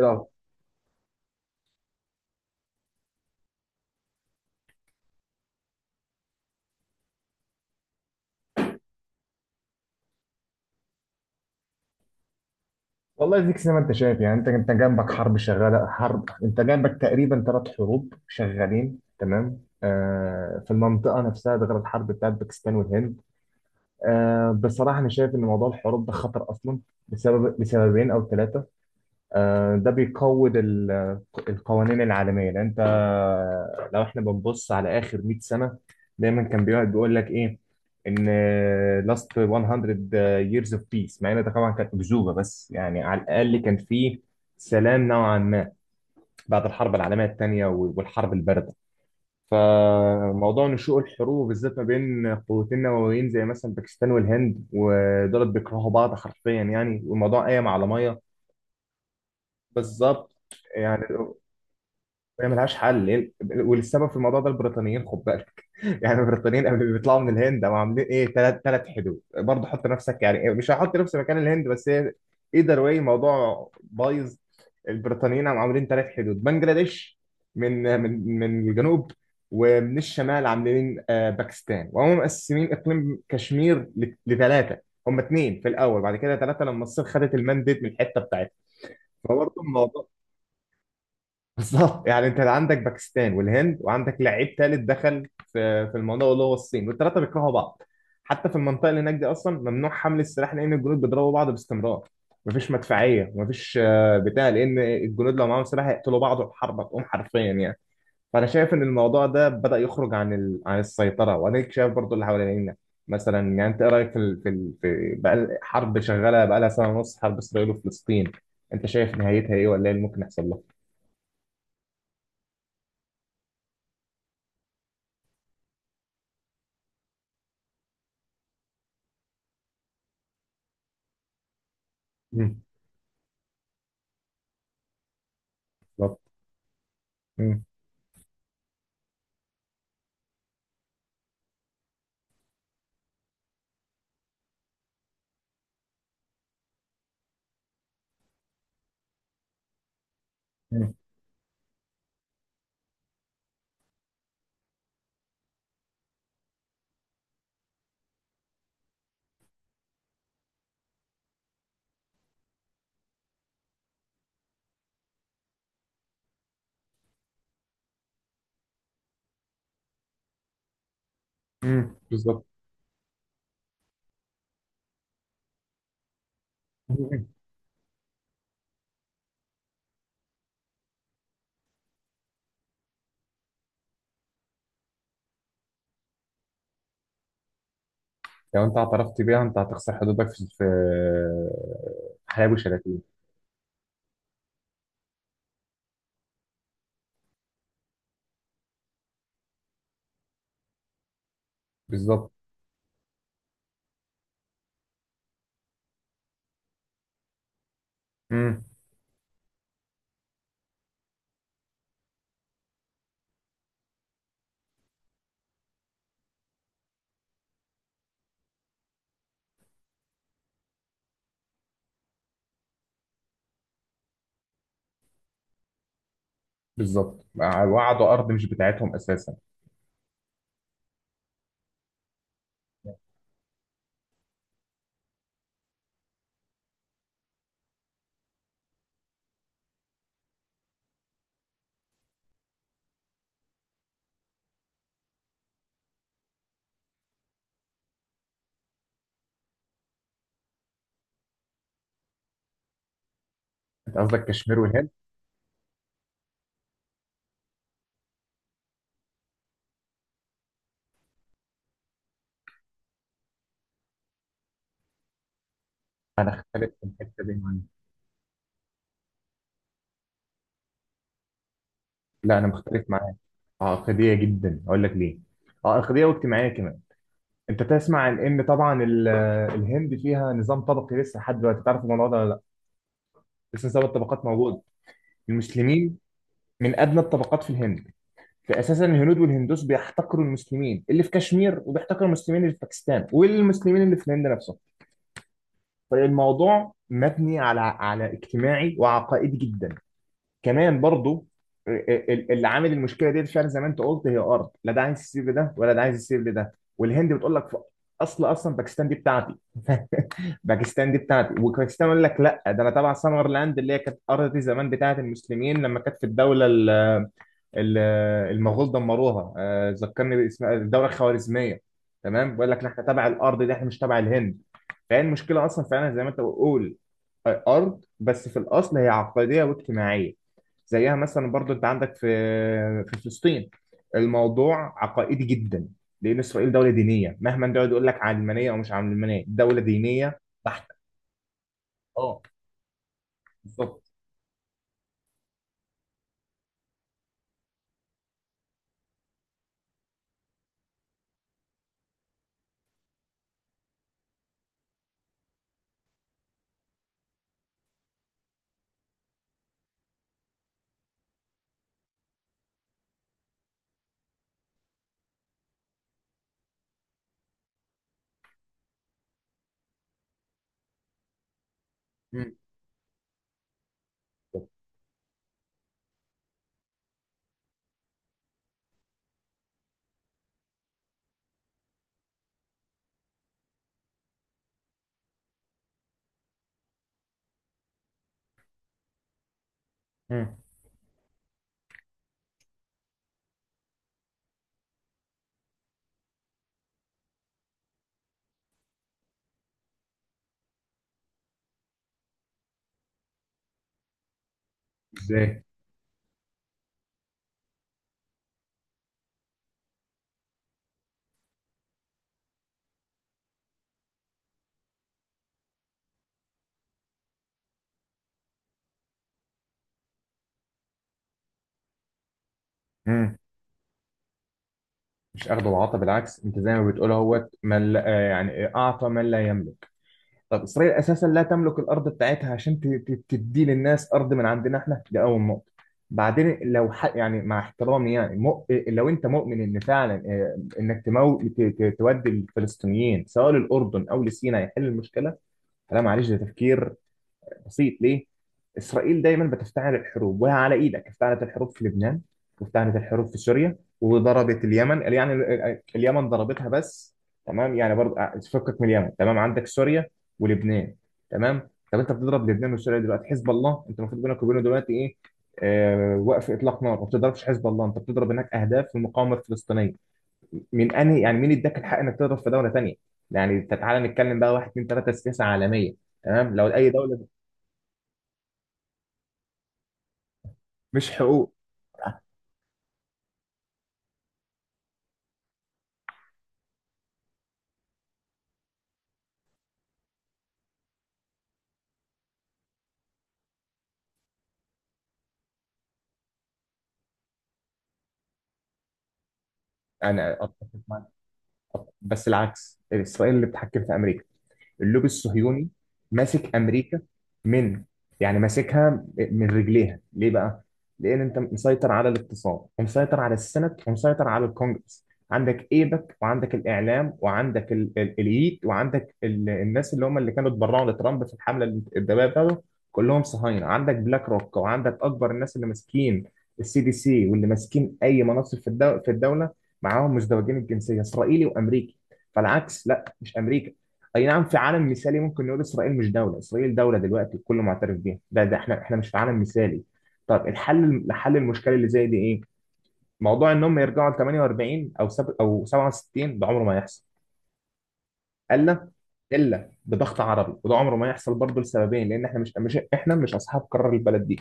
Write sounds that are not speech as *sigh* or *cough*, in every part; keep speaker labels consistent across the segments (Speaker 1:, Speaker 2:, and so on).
Speaker 1: لا، والله ديك زي ما انت شايف، يعني انت جنبك حرب شغاله انت جنبك تقريبا ثلاث حروب شغالين، تمام. في المنطقه نفسها، ده غير الحرب بتاعت باكستان والهند. بصراحه انا شايف ان موضوع الحروب ده خطر اصلا، لسببين او ثلاثه. ده بيقوي القوانين العالمية، لأن أنت لو إحنا بنبص على آخر 100 سنة، دايما كان بيقعد بيقول لك إيه؟ إن last 100 years of peace. مع إن ده طبعا كانت أكذوبة، بس يعني على الأقل كان في سلام نوعا ما بعد الحرب العالمية الثانية والحرب الباردة. فموضوع نشوء الحروب بالذات ما بين قوتين نوويين زي مثلا باكستان والهند، ودولت بيكرهوا بعض حرفيا يعني، والموضوع قايم على ميه. بالظبط، يعني هي ملهاش حل. والسبب في الموضوع ده البريطانيين، خد بالك *laughs* يعني البريطانيين قبل ما بيطلعوا من الهند هم عاملين ايه؟ ثلاث حدود، برضه حط نفسك يعني إيه، مش هحط نفسي مكان الهند بس هي ايذر واي الموضوع بايظ. البريطانيين هم عاملين ثلاث حدود، بنجلاديش من الجنوب، ومن الشمال عاملين باكستان، وهم مقسمين اقليم كشمير لثلاثه. هم اثنين في الاول، بعد كده ثلاثه لما الصين خدت المانديت من الحته بتاعتها. فبرضه الموضوع بالظبط، يعني انت عندك باكستان والهند وعندك لعيب ثالث دخل في الموضوع اللي هو الصين، والثلاثه بيكرهوا بعض. حتى في المنطقه اللي هناك دي اصلا ممنوع حمل السلاح، لان الجنود بيضربوا بعض باستمرار. مفيش مدفعيه، مفيش بتاع، لان الجنود لو معاهم سلاح هيقتلوا بعض والحرب هتقوم حرفيا يعني. فانا شايف ان الموضوع ده بدا يخرج عن السيطره، وانا شايف برضو اللي حوالينا. مثلا يعني انت ايه رايك في بقى حرب شغاله بقى لها سنه ونص، حرب اسرائيل وفلسطين، انت شايف نهايتها ايه ولا ايه اللي ممكن يحصل لها؟ مم. مم. مم. مم. بالظبط. مم. لو انت اعترفت بيها انت هتخسر حدودك في حلال وشلاتين. بالظبط. مم. بالظبط، وقعدوا ارض مش بتاعتهم اساسا. انت قصدك كشمير والهند؟ مختلف في الحته دي معايا، لا انا مختلف معاك. عقديه جدا، اقول لك ليه. عقديه واجتماعيه كمان. انت تسمع عن ان طبعا الهند فيها نظام طبقي لسه لحد دلوقتي، تعرف الموضوع ده ولا لا؟ لسه نظام الطبقات موجود. المسلمين من ادنى الطبقات في الهند. فاساسا الهنود والهندوس بيحتقروا المسلمين اللي في كشمير، وبيحتقروا المسلمين اللي في باكستان، والمسلمين اللي في الهند نفسهم. فالموضوع مبني على اجتماعي وعقائدي جدا. كمان برضو، اللي عامل المشكله دي فعلا زي ما انت قلت هي ارض، لا ده عايز يسيب لده ولا ده عايز يسيب لده. والهند بتقول لك اصلا باكستان دي بتاعتي *laughs* باكستان دي بتاعتي، وباكستان يقول لك لا، ده انا تبع سمرلاند اللي هي كانت ارض دي زمان بتاعت المسلمين، لما كانت في الدوله ال- المغول دمروها، ذكرني باسم الدوله الخوارزميه. تمام، بيقول لك احنا تبع الارض دي، احنا مش تبع الهند. فهي المشكله اصلا فعلا زي ما انت بتقول، ارض، بس في الاصل هي عقديه واجتماعيه. زيها مثلا برضو انت عندك في فلسطين، الموضوع عقائدي جدا، لان اسرائيل دوله دينيه، مهما انت يقعد يقول لك علمانيه او مش علمانيه، دوله دينيه بحته. اه بالظبط. مم. مم. ازاي؟ مش اخده وعطى، بالعكس، انت زي ما بتقول اهوت من لا يعني اعطى من لا يملك. طب اسرائيل اساسا لا تملك الارض بتاعتها عشان تدي للناس ارض من عندنا احنا، دي اول نقطه. بعدين يعني مع احترامي يعني، لو انت مؤمن ان فعلا انك تودي الفلسطينيين سواء للاردن او لسيناء يحل المشكله، لا معلش ده تفكير بسيط. ليه؟ اسرائيل دايما بتفتعل الحروب، وهي على ايدك افتعلت الحروب في لبنان، وافتعلت الحروب في سوريا، وضربت اليمن، يعني اليمن ضربتها بس. تمام، يعني برضه فكك من اليمن. تمام، عندك سوريا ولبنان. تمام، طب انت بتضرب لبنان وسوريا دلوقتي، حزب الله انت المفروض بينك وبينه دلوقتي ايه؟ آه، وقف اطلاق نار. ما بتضربش حزب الله، انت بتضرب هناك اهداف في المقاومه الفلسطينيه، من انهي؟ يعني مين اداك الحق انك تضرب في دوله تانيه؟ يعني تعالى نتكلم بقى، واحد اتنين تلاته سياسه عالميه، تمام، لو اي دوله. مش حقوق. انا اتفق معاك. أتفق. بس العكس، اسرائيل اللي بتحكم في امريكا، اللوبي الصهيوني ماسك امريكا من، يعني ماسكها من رجليها ليه بقى؟ لان انت مسيطر على الاقتصاد، ومسيطر على السنت، ومسيطر على الكونجرس. عندك ايبك، وعندك الاعلام، وعندك الييت، وعندك الناس اللي هم اللي كانوا اتبرعوا لترامب في الحمله الانتخابيه بتاعته، كلهم صهاينه. عندك بلاك روك، وعندك اكبر الناس اللي ماسكين السي دي سي، واللي ماسكين اي مناصب في الدوله معاهم مزدوجين الجنسيه، اسرائيلي وامريكي. فالعكس، لا مش امريكا. اي نعم، في عالم مثالي ممكن نقول اسرائيل مش دوله، اسرائيل دوله دلوقتي الكل معترف بيها، ده احنا مش في عالم مثالي. طب الحل لحل المشكله اللي زي دي ايه؟ موضوع ان هم يرجعوا ل 48 او سب او 67 ده عمره ما يحصل، الا الا بضغط عربي، وده عمره ما يحصل برضه لسببين، لان احنا مش اصحاب قرار البلد دي.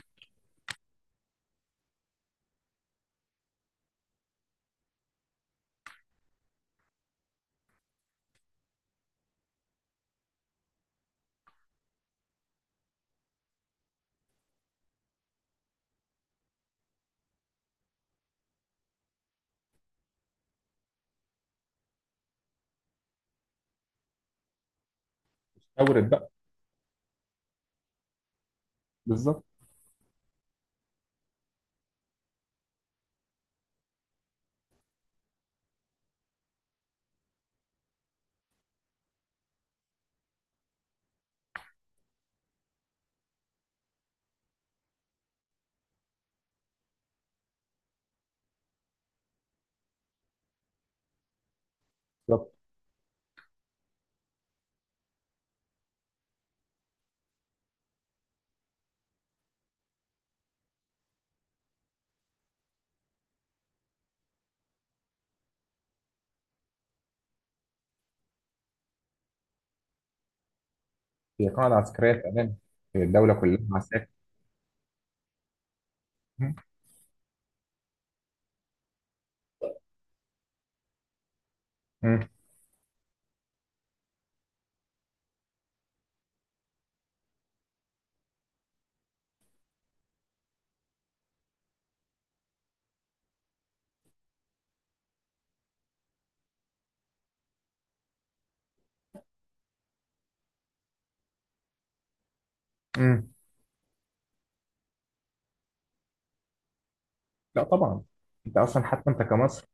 Speaker 1: شاورت بقى. بالظبط. بالظبط، هي قاعده عسكريه فعلا، هي الدوله كلها عساكر. مم. مم. مم. لا طبعا. انت اصلا حتى انت كمصر،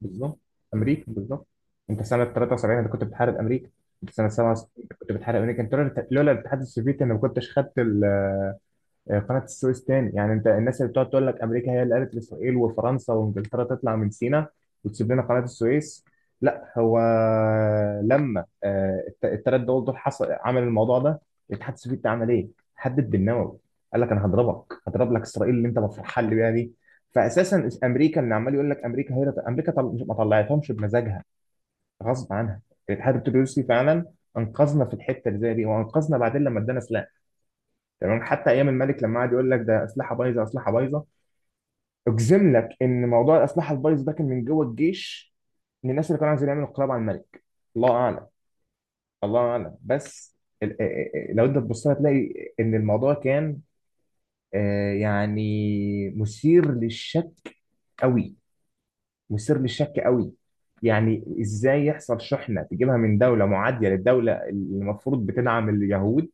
Speaker 1: بالظبط امريكا، بالظبط. انت سنه 73 انت كنت بتحارب امريكا، انت سنه 67 انت كنت بتحارب امريكا. انت لولا الاتحاد السوفيتي انا ما كنتش خدت قناة السويس تاني. يعني انت الناس اللي بتقعد تقول لك امريكا هي اللي قالت لاسرائيل وفرنسا وانجلترا تطلع من سيناء وتسيب لنا قناة السويس، لا. هو لما التلات دول حصل عمل الموضوع ده، الاتحاد السوفيتي عمل ايه؟ حدد بالنووي، قال لك انا هضربك، هضرب لك اسرائيل اللي انت مفرحان لي بيها دي. فاساسا امريكا، اللي عمال يقول لك امريكا هي امريكا، ما طلعتهمش بمزاجها، غصب عنها. الاتحاد الروسي فعلا انقذنا في الحته اللي زي دي، وانقذنا بعدين لما ادانا سلاح. تمام، حتى ايام الملك لما قعد يقول لك ده اسلحه بايظه اسلحه بايظه، اجزم لك ان موضوع الاسلحه البايظه ده كان من جوه الجيش، من الناس اللي كانوا عايزين يعملوا انقلاب على الملك. الله اعلم، الله اعلم، بس لو انت تبص لها تلاقي ان الموضوع كان يعني مثير للشك قوي، مثير للشك قوي. يعني ازاي يحصل شحنه تجيبها من دوله معاديه للدوله اللي المفروض بتدعم اليهود؟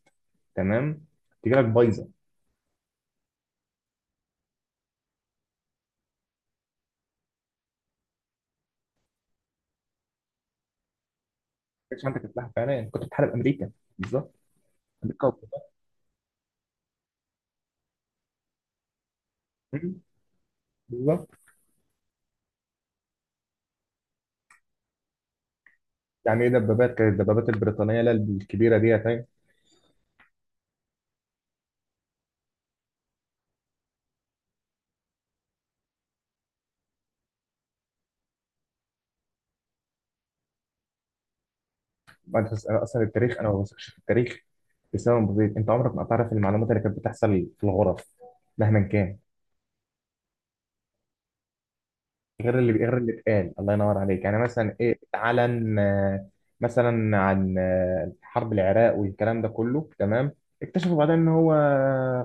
Speaker 1: تمام، تجي لك بايظه. ما كانتش عندك اسلحه فعلا، كنت بتحارب امريكا. بالظبط. الكوكب. مم. بالظبط. يعني ايه دبابات؟ كانت الدبابات البريطانيه لا الكبيره دي يعني. أنا اصلا التاريخ انا ما بثقش في التاريخ بسبب بسيط. انت عمرك ما هتعرف المعلومات اللي كانت بتحصل في الغرف، مهما كان. غير اللي اتقال. الله ينور عليك. يعني مثلا ايه اتعلن؟ مثلا عن حرب العراق والكلام ده كله تمام، اكتشفوا بعدين ان هو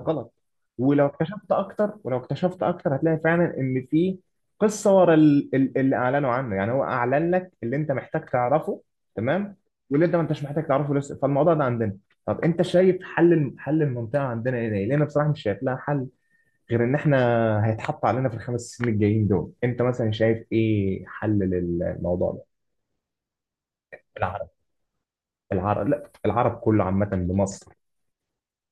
Speaker 1: غلط. ولو اكتشفت اكتر هتلاقي فعلا ان في قصه ورا اللي اعلنوا عنه. يعني هو اعلن لك اللي انت محتاج تعرفه، تمام، واللي انت ما انتش محتاج تعرفه لسه. فالموضوع ده عندنا، طب انت شايف حل حل المنطقه عندنا ايه، لان أنا بصراحه مش شايف لها حل غير ان احنا هيتحط علينا في الخمس سنين الجايين دول. انت مثلا شايف ايه حل للموضوع ده؟ العرب. العرب، لا العرب كله عامة لمصر،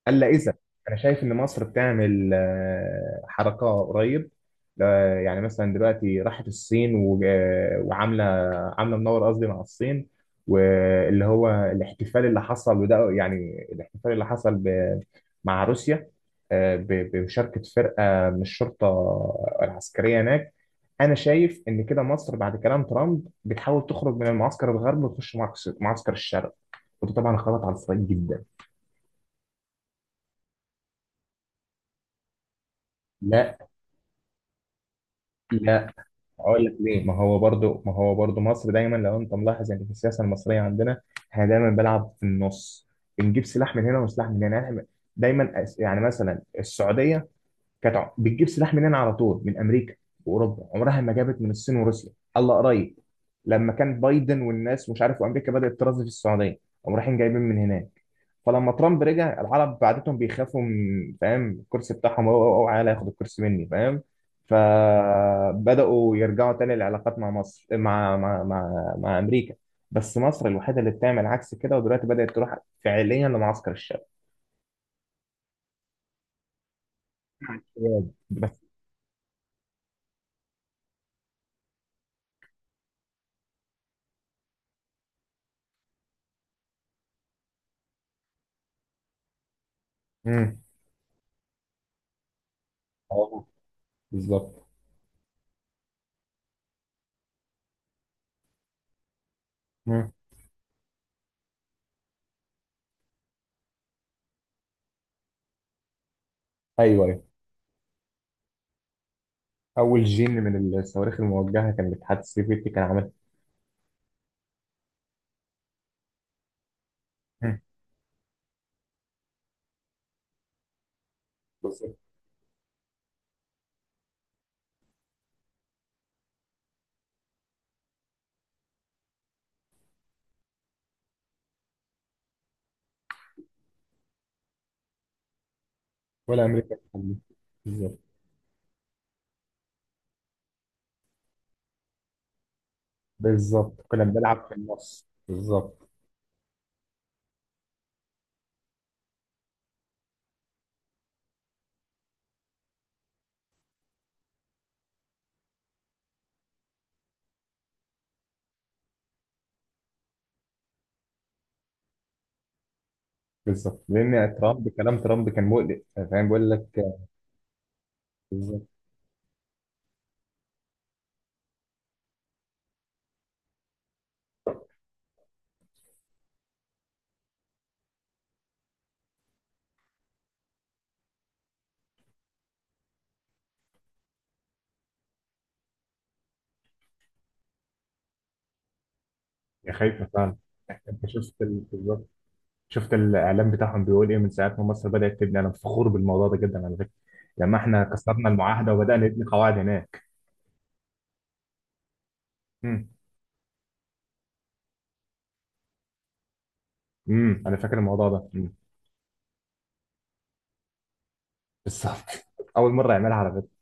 Speaker 1: الا اذا. انا شايف ان مصر بتعمل حركه قريب، يعني مثلا دلوقتي راحت الصين وعامله، عامله منور قصدي مع الصين. واللي هو الاحتفال اللي حصل، وده يعني الاحتفال اللي حصل مع روسيا بمشاركه فرقه من الشرطه العسكريه هناك. انا شايف ان كده مصر بعد كلام ترامب بتحاول تخرج من المعسكر الغربي وتخش معسكر الشرق، وده طبعا خبط على الصعيد جدا. لا، لا، اقول لك ليه. ما هو برضو مصر دايما، لو انت ملاحظ، يعني في السياسه المصريه عندنا، احنا دايما بنلعب في النص، بنجيب سلاح من هنا وسلاح من هنا، يعني إحنا دايما، يعني مثلا السعوديه كانت بتجيب سلاح منين على طول؟ من امريكا واوروبا، عمرها ما جابت من الصين وروسيا. الله قريب، لما كان بايدن والناس مش عارف، وامريكا بدات ترازي في السعوديه، قاموا رايحين جايبين من هناك. فلما ترامب رجع، العرب بعدتهم، بيخافوا من فاهم، الكرسي بتاعهم اوعى، أو ياخد الكرسي مني، فاهم؟ فبداوا يرجعوا تاني للعلاقات مع مصر، مع امريكا. بس مصر الوحيده اللي بتعمل عكس كده، ودلوقتي بدات تروح فعليا لمعسكر الشعب، بجد. بس. مم. اه بالظبط. ايوه، ايوه. اول جين من الصواريخ الموجهه كان الاتحاد السوفيتي كان عاملها. مم. بالظبط. ولا امريكا كانت عاملة. بالظبط. بالظبط، كنا بنلعب في النص، بالظبط. بالظبط، لان ترامب، كلام ترامب كان مقلق، فاهم؟ بيقول لك. بالظبط. يا خايفه فعلا. بالظبط. شفت الاعلام بتاعهم بيقول ايه من ساعه ما مصر بدات تبني. انا فخور بالموضوع ده جدا على فكره، لما احنا كسرنا المعاهده وبدانا نبني قواعد هناك. امم. انا فاكر الموضوع ده. مم. بالظبط *laughs* اول مره يعملها على فكره.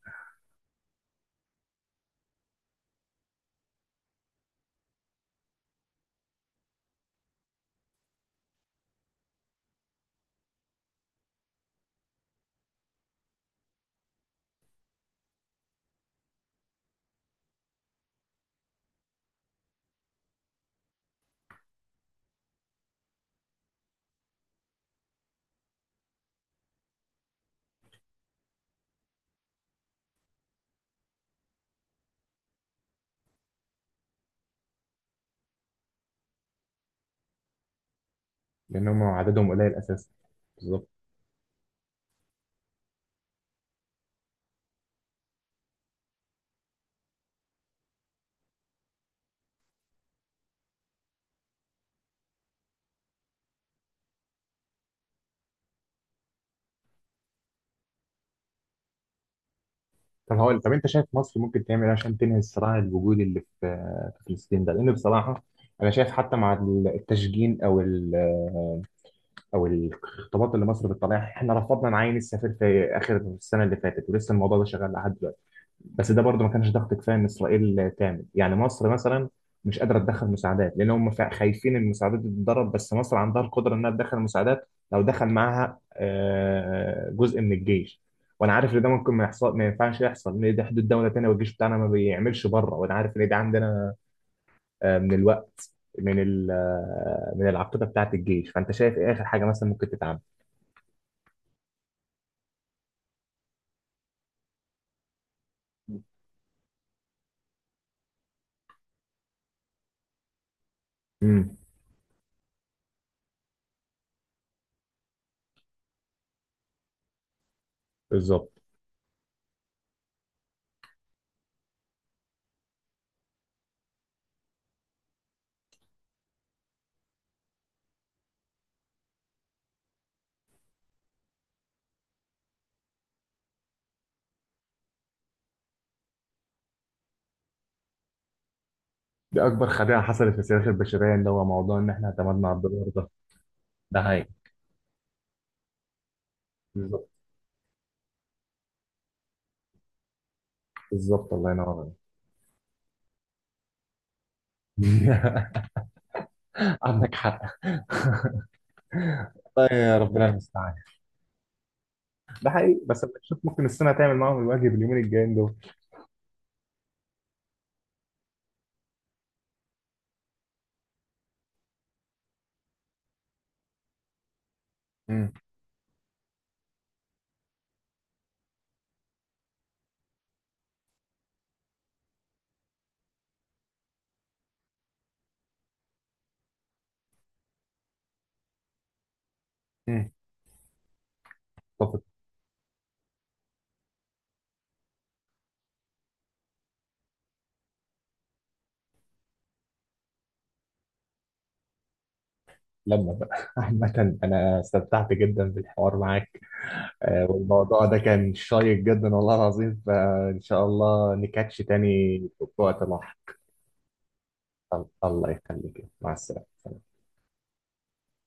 Speaker 1: لان هم عددهم قليل اساسا، بالظبط. طب هقول طب انت شايف مصر ممكن تعمل ايه عشان تنهي الصراع الوجودي اللي في فلسطين ده؟ لان بصراحه انا شايف حتى مع التشجين او الخطابات اللي مصر بتطلعها، احنا رفضنا نعين السفير في اخر السنه اللي فاتت، ولسه الموضوع ده شغال لحد دلوقتي. بس ده برضه ما كانش ضغط كفايه ان اسرائيل تعمل، يعني مصر مثلا مش قادره تدخل مساعدات لان هم خايفين ان المساعدات دي تتضرب. بس مصر عندها القدره انها تدخل مساعدات لو دخل معاها جزء من الجيش. وانا عارف ان ده ممكن ما يحصل، ما ينفعش يحصل، لان دي حدود دوله تانيه والجيش بتاعنا ما بيعملش بره. وانا عارف ان دي عندنا من الوقت، من ال- آه، من العقيده بتاعت الجيش. فانت شايف ايه اخر حاجه مثلا ممكن تتعمل؟ امم. بالظبط. دي اكبر خديعه حصلت في السياسه البشريه، اللي هو موضوع ان احنا اعتمدنا على الدولار ده. ده هاي. بالظبط، الله ينور عليك *laughs* عندك حق. والله يا ربنا المستعان. ده حقيقي، بس أنا بشوف ممكن الصين هتعمل معاهم الواجب اليومين الجايين دول. امم. امم. طب لما بقى *laughs* عامة أنا استمتعت جدا بالحوار معاك، والموضوع ده كان شيق جدا والله العظيم. فإن شاء الله نكاتش تاني في وقت لاحق. الله يخليك، مع السلامة.